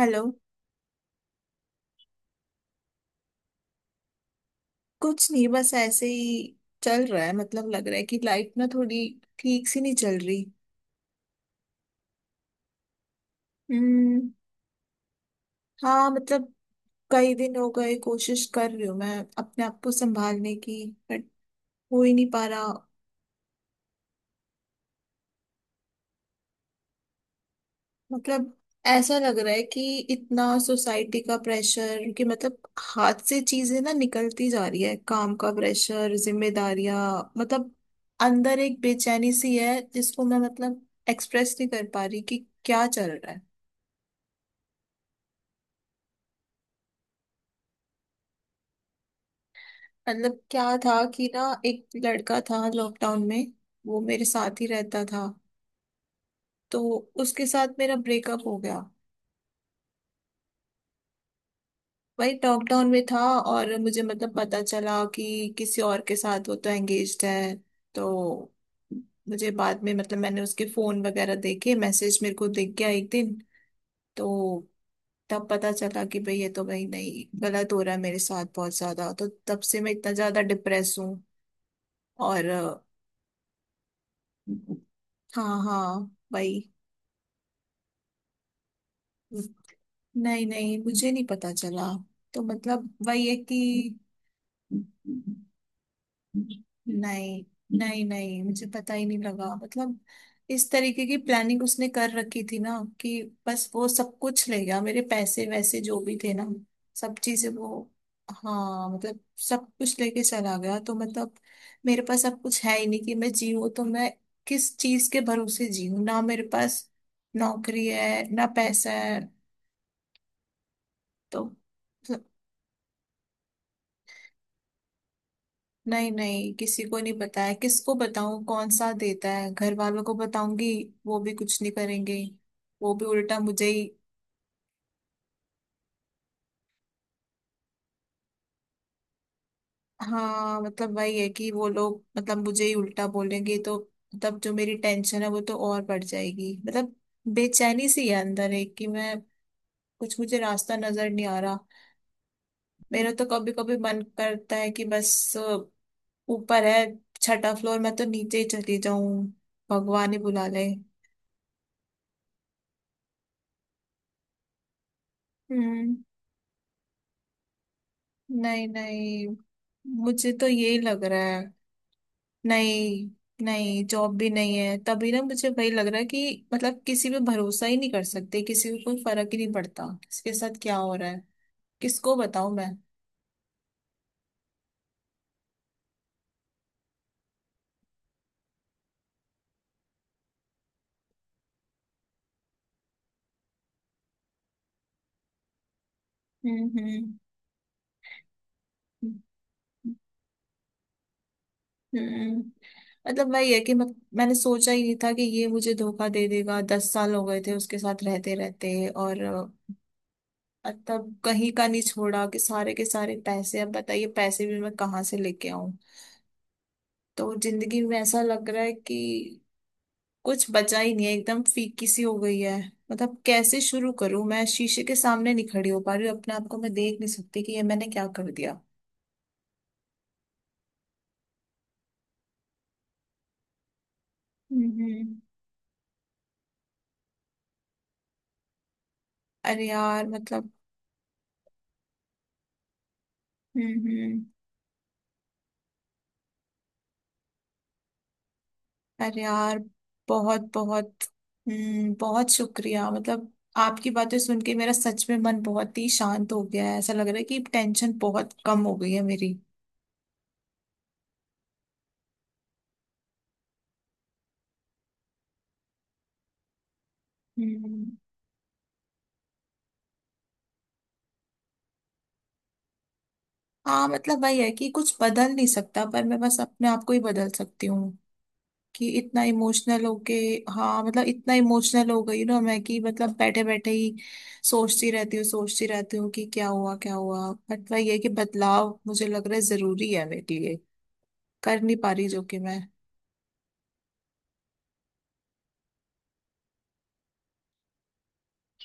Hello. कुछ नहीं, बस ऐसे ही चल रहा है। मतलब लग रहा है कि लाइफ ना थोड़ी ठीक सी नहीं चल रही। हम्म। हाँ मतलब कई दिन हो गए कोशिश कर रही हूँ मैं अपने आप को संभालने की, बट हो ही नहीं पा रहा। मतलब ऐसा लग रहा है कि इतना सोसाइटी का प्रेशर कि मतलब हाथ से चीजें ना निकलती जा रही है, काम का प्रेशर, जिम्मेदारियां। मतलब अंदर एक बेचैनी सी है जिसको मैं मतलब एक्सप्रेस नहीं कर पा रही कि क्या चल रहा है। मतलब क्या था कि ना एक लड़का था लॉकडाउन में, वो मेरे साथ ही रहता था। तो उसके साथ मेरा ब्रेकअप हो गया। भाई लॉकडाउन में था, और मुझे मतलब पता चला कि किसी और के साथ वो तो एंगेज्ड है। तो मुझे बाद में मतलब मैंने उसके फोन वगैरह देखे, मैसेज मेरे को दिख गया एक दिन। तो तब पता चला कि भाई ये तो भाई नहीं, गलत हो रहा है मेरे साथ बहुत ज्यादा। तो तब से मैं इतना ज्यादा डिप्रेस हूँ। और हाँ हाँ, भाई। नहीं नहीं, मुझे नहीं पता चला। तो मतलब वही है कि नहीं। नहीं मुझे पता ही नहीं लगा मतलब। इस तरीके की प्लानिंग उसने कर रखी थी ना, कि बस वो सब कुछ ले गया, मेरे पैसे वैसे जो भी थे ना, सब चीजें वो। हाँ मतलब सब कुछ लेके चला गया। तो मतलब मेरे पास अब कुछ है ही नहीं कि मैं जीऊँ। तो मैं किस चीज के भरोसे जीऊँ, ना मेरे पास नौकरी है ना पैसा है। तो नहीं नहीं, किसी को नहीं पता है। किसको बताऊं, कौन सा देता है। घर वालों को बताऊंगी, वो भी कुछ नहीं करेंगे। वो भी उल्टा मुझे ही। हाँ मतलब वही है कि वो लोग मतलब मुझे ही उल्टा बोलेंगे। तो मतलब जो मेरी टेंशन है वो तो और बढ़ जाएगी। मतलब बेचैनी सी है अंदर एक कि मैं कुछ, मुझे रास्ता नजर नहीं आ रहा। मेरा तो कभी कभी मन करता है कि बस ऊपर है छठा फ्लोर, मैं तो नीचे ही चली जाऊं। भगवान ही बुला ले। हम्म। नहीं नहीं, मुझे तो यही लग रहा है। नहीं, नहीं जॉब भी नहीं है तभी ना मुझे वही लग रहा है कि मतलब किसी पे भरोसा ही नहीं कर सकते, किसी को कोई फर्क ही नहीं पड़ता किसके साथ क्या हो रहा है। किसको बताऊं मैं। हम्म। हम्म। हम्म। मतलब वही है कि मैंने सोचा ही नहीं था कि ये मुझे धोखा दे देगा। 10 साल हो गए थे उसके साथ रहते रहते, और तब कहीं का नहीं छोड़ा कि सारे के सारे पैसे। अब बताइए पैसे भी मैं कहाँ से लेके आऊं। तो जिंदगी में ऐसा लग रहा है कि कुछ बचा ही नहीं है, एकदम फीकी सी हो गई है। मतलब कैसे शुरू करूं मैं, शीशे के सामने नहीं खड़ी हो पा रही हूँ, अपने आप को मैं देख नहीं सकती कि ये मैंने क्या कर दिया। हम्म। अरे यार मतलब। हम्म हम्म, अरे यार, बहुत बहुत। हम्म, बहुत शुक्रिया मतलब, आपकी बातें सुन के मेरा सच में मन बहुत ही शांत हो गया है। ऐसा लग रहा है कि टेंशन बहुत कम हो गई है मेरी। हम्म। हाँ मतलब वही है कि कुछ बदल नहीं सकता, पर मैं बस अपने आप को ही बदल सकती हूँ कि इतना इमोशनल होके। हाँ मतलब इतना इमोशनल हो गई ना मैं कि मतलब बैठे बैठे ही सोचती रहती हूँ कि क्या हुआ क्या हुआ, बट वही है कि बदलाव मुझे लग रहा है जरूरी है मेरे लिए, कर नहीं पा रही जो कि मैं।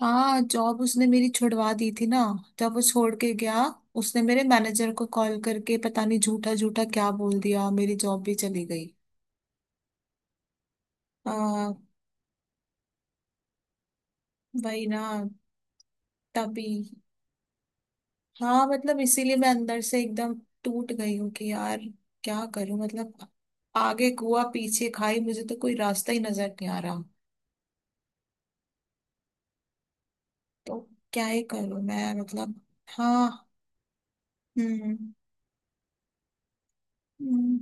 हाँ जॉब उसने मेरी छुड़वा दी थी ना, जब वो छोड़ के गया। उसने मेरे मैनेजर को कॉल करके पता नहीं झूठा झूठा क्या बोल दिया, मेरी जॉब भी चली गई। आ, वही ना। तभी। हाँ मतलब इसीलिए मैं अंदर से एकदम टूट गई हूँ कि यार क्या करूं मतलब। आगे कुआ पीछे खाई, मुझे तो कोई रास्ता ही नजर नहीं आ रहा। तो क्या ही करूं मैं मतलब। हाँ। हम्म हम्म,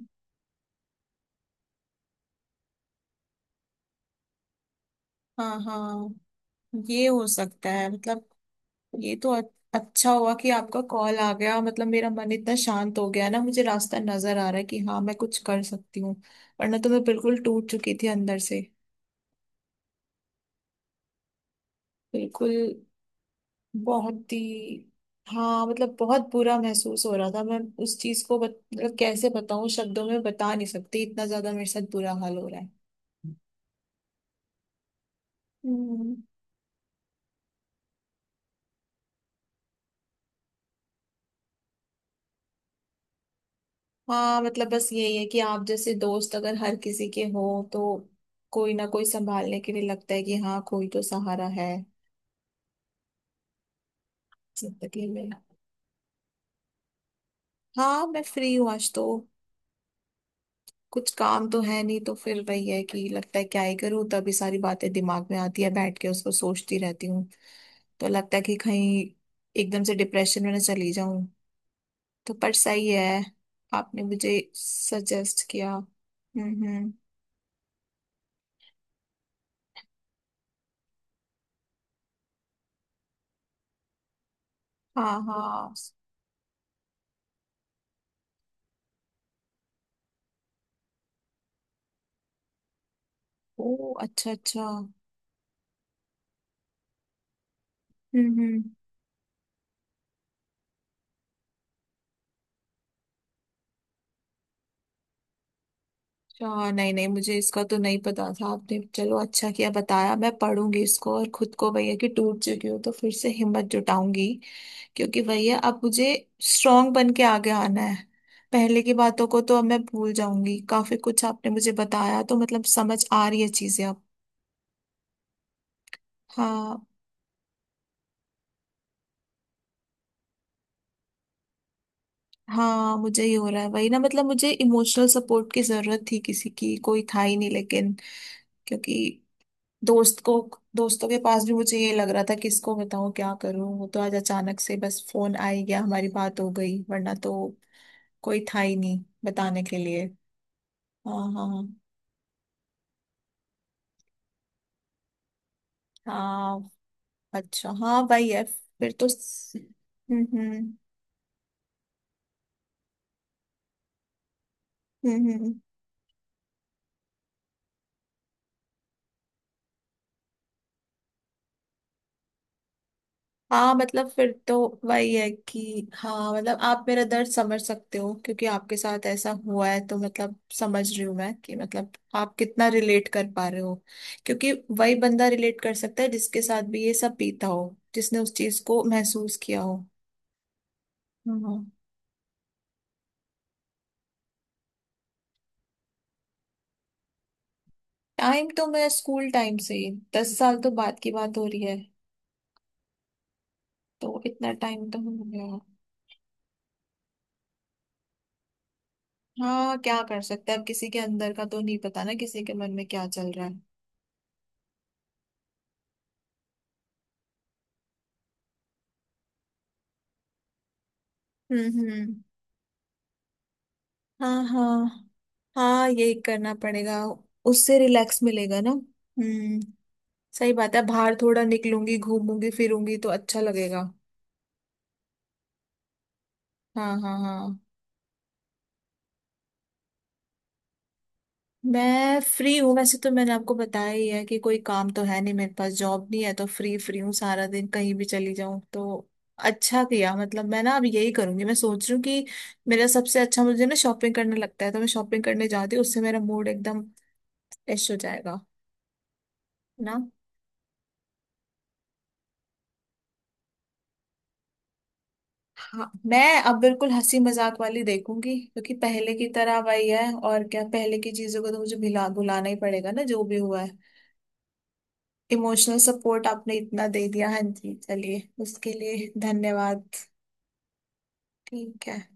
हाँ हाँ, ये हो सकता है मतलब। ये तो अ- अच्छा हुआ कि आपका कॉल आ गया, मतलब मेरा मन इतना शांत हो गया ना, मुझे रास्ता नजर आ रहा है कि हाँ मैं कुछ कर सकती हूँ। वरना तो मैं बिल्कुल टूट चुकी थी अंदर से, बिल्कुल। बहुत ही। हाँ मतलब बहुत बुरा महसूस हो रहा था मैं उस चीज को बत, मतलब कैसे बताऊं, शब्दों में बता नहीं सकती इतना ज्यादा मेरे साथ बुरा हाल हो रहा है। हम्म। हाँ मतलब बस यही है कि आप जैसे दोस्त अगर हर किसी के हो, तो कोई ना कोई संभालने के लिए लगता है कि हाँ कोई तो सहारा है जिंदगी में। हाँ मैं फ्री हूँ आज तो, कुछ काम तो है नहीं। तो फिर वही है कि लगता है क्या ही करूँ, तभी सारी बातें दिमाग में आती है, बैठ के उसको सोचती रहती हूँ। तो लगता है कि कहीं एकदम से डिप्रेशन में ना चली जाऊं। तो पर सही है आपने मुझे सजेस्ट किया। हम्म। हाँ हाँ। ओ अच्छा अच्छा। हम्म। अच्छा, नहीं नहीं मुझे इसका तो नहीं पता था, आपने चलो अच्छा किया बताया, मैं पढ़ूंगी इसको, और खुद को भैया कि टूट चुकी हूँ तो फिर से हिम्मत जुटाऊंगी। क्योंकि भैया अब मुझे स्ट्रांग बन के आगे आना है। पहले की बातों को तो अब मैं भूल जाऊंगी, काफी कुछ आपने मुझे बताया तो मतलब समझ आ रही है चीजें अब। हाँ। हाँ मुझे ही हो रहा है वही ना। मतलब मुझे इमोशनल सपोर्ट की जरूरत थी किसी की, कोई था ही नहीं। लेकिन क्योंकि दोस्त को दोस्तों के पास भी मुझे ये लग रहा था किसको बताऊं क्या करूं। वो तो आज अचानक से बस फोन आ ही गया, हमारी बात हो गई, वरना तो कोई था ही नहीं बताने के लिए। हाँ हाँ। हाँ अच्छा हाँ वही है फिर तो स- हम्म। हम्म। हाँ मतलब फिर तो वही है कि हाँ मतलब आप मेरा दर्द समझ सकते हो क्योंकि आपके साथ ऐसा हुआ है, तो मतलब समझ रही हूँ मैं कि मतलब आप कितना रिलेट कर पा रहे हो। क्योंकि वही बंदा रिलेट कर सकता है जिसके साथ भी ये सब बीता हो, जिसने उस चीज को महसूस किया हो। हम्म। टाइम तो मैं स्कूल टाइम से ही, 10 साल तो बाद की बात हो रही है, तो इतना टाइम तो हो गया। हाँ क्या कर सकते हैं, अब किसी के अंदर का तो नहीं पता ना किसी के मन में क्या चल रहा है। हम्म। हाँ हाँ हाँ, यही करना पड़ेगा, उससे रिलैक्स मिलेगा ना। हम्म, सही बात है, बाहर थोड़ा निकलूंगी घूमूंगी फिरूंगी तो अच्छा लगेगा। हाँ हाँ हाँ। मैं फ्री हूँ, वैसे तो मैंने आपको बताया ही है कि कोई काम तो है नहीं मेरे पास, जॉब नहीं है तो फ्री फ्री हूँ, सारा दिन कहीं भी चली जाऊँ। तो अच्छा किया मतलब। मैं ना अब यही करूंगी, मैं सोच रही हूँ कि मेरा सबसे अच्छा मुझे ना शॉपिंग करने लगता है तो मैं शॉपिंग करने जाती हूँ, उससे मेरा मूड एकदम फ्रेश हो जाएगा ना। हाँ मैं अब बिल्कुल हंसी मजाक वाली देखूंगी, क्योंकि पहले की तरह वही है और क्या, पहले की चीजों को तो मुझे भुला भुलाना ही पड़ेगा ना जो भी हुआ है। इमोशनल सपोर्ट आपने इतना दे दिया, हाँ जी चलिए उसके लिए धन्यवाद। ठीक है।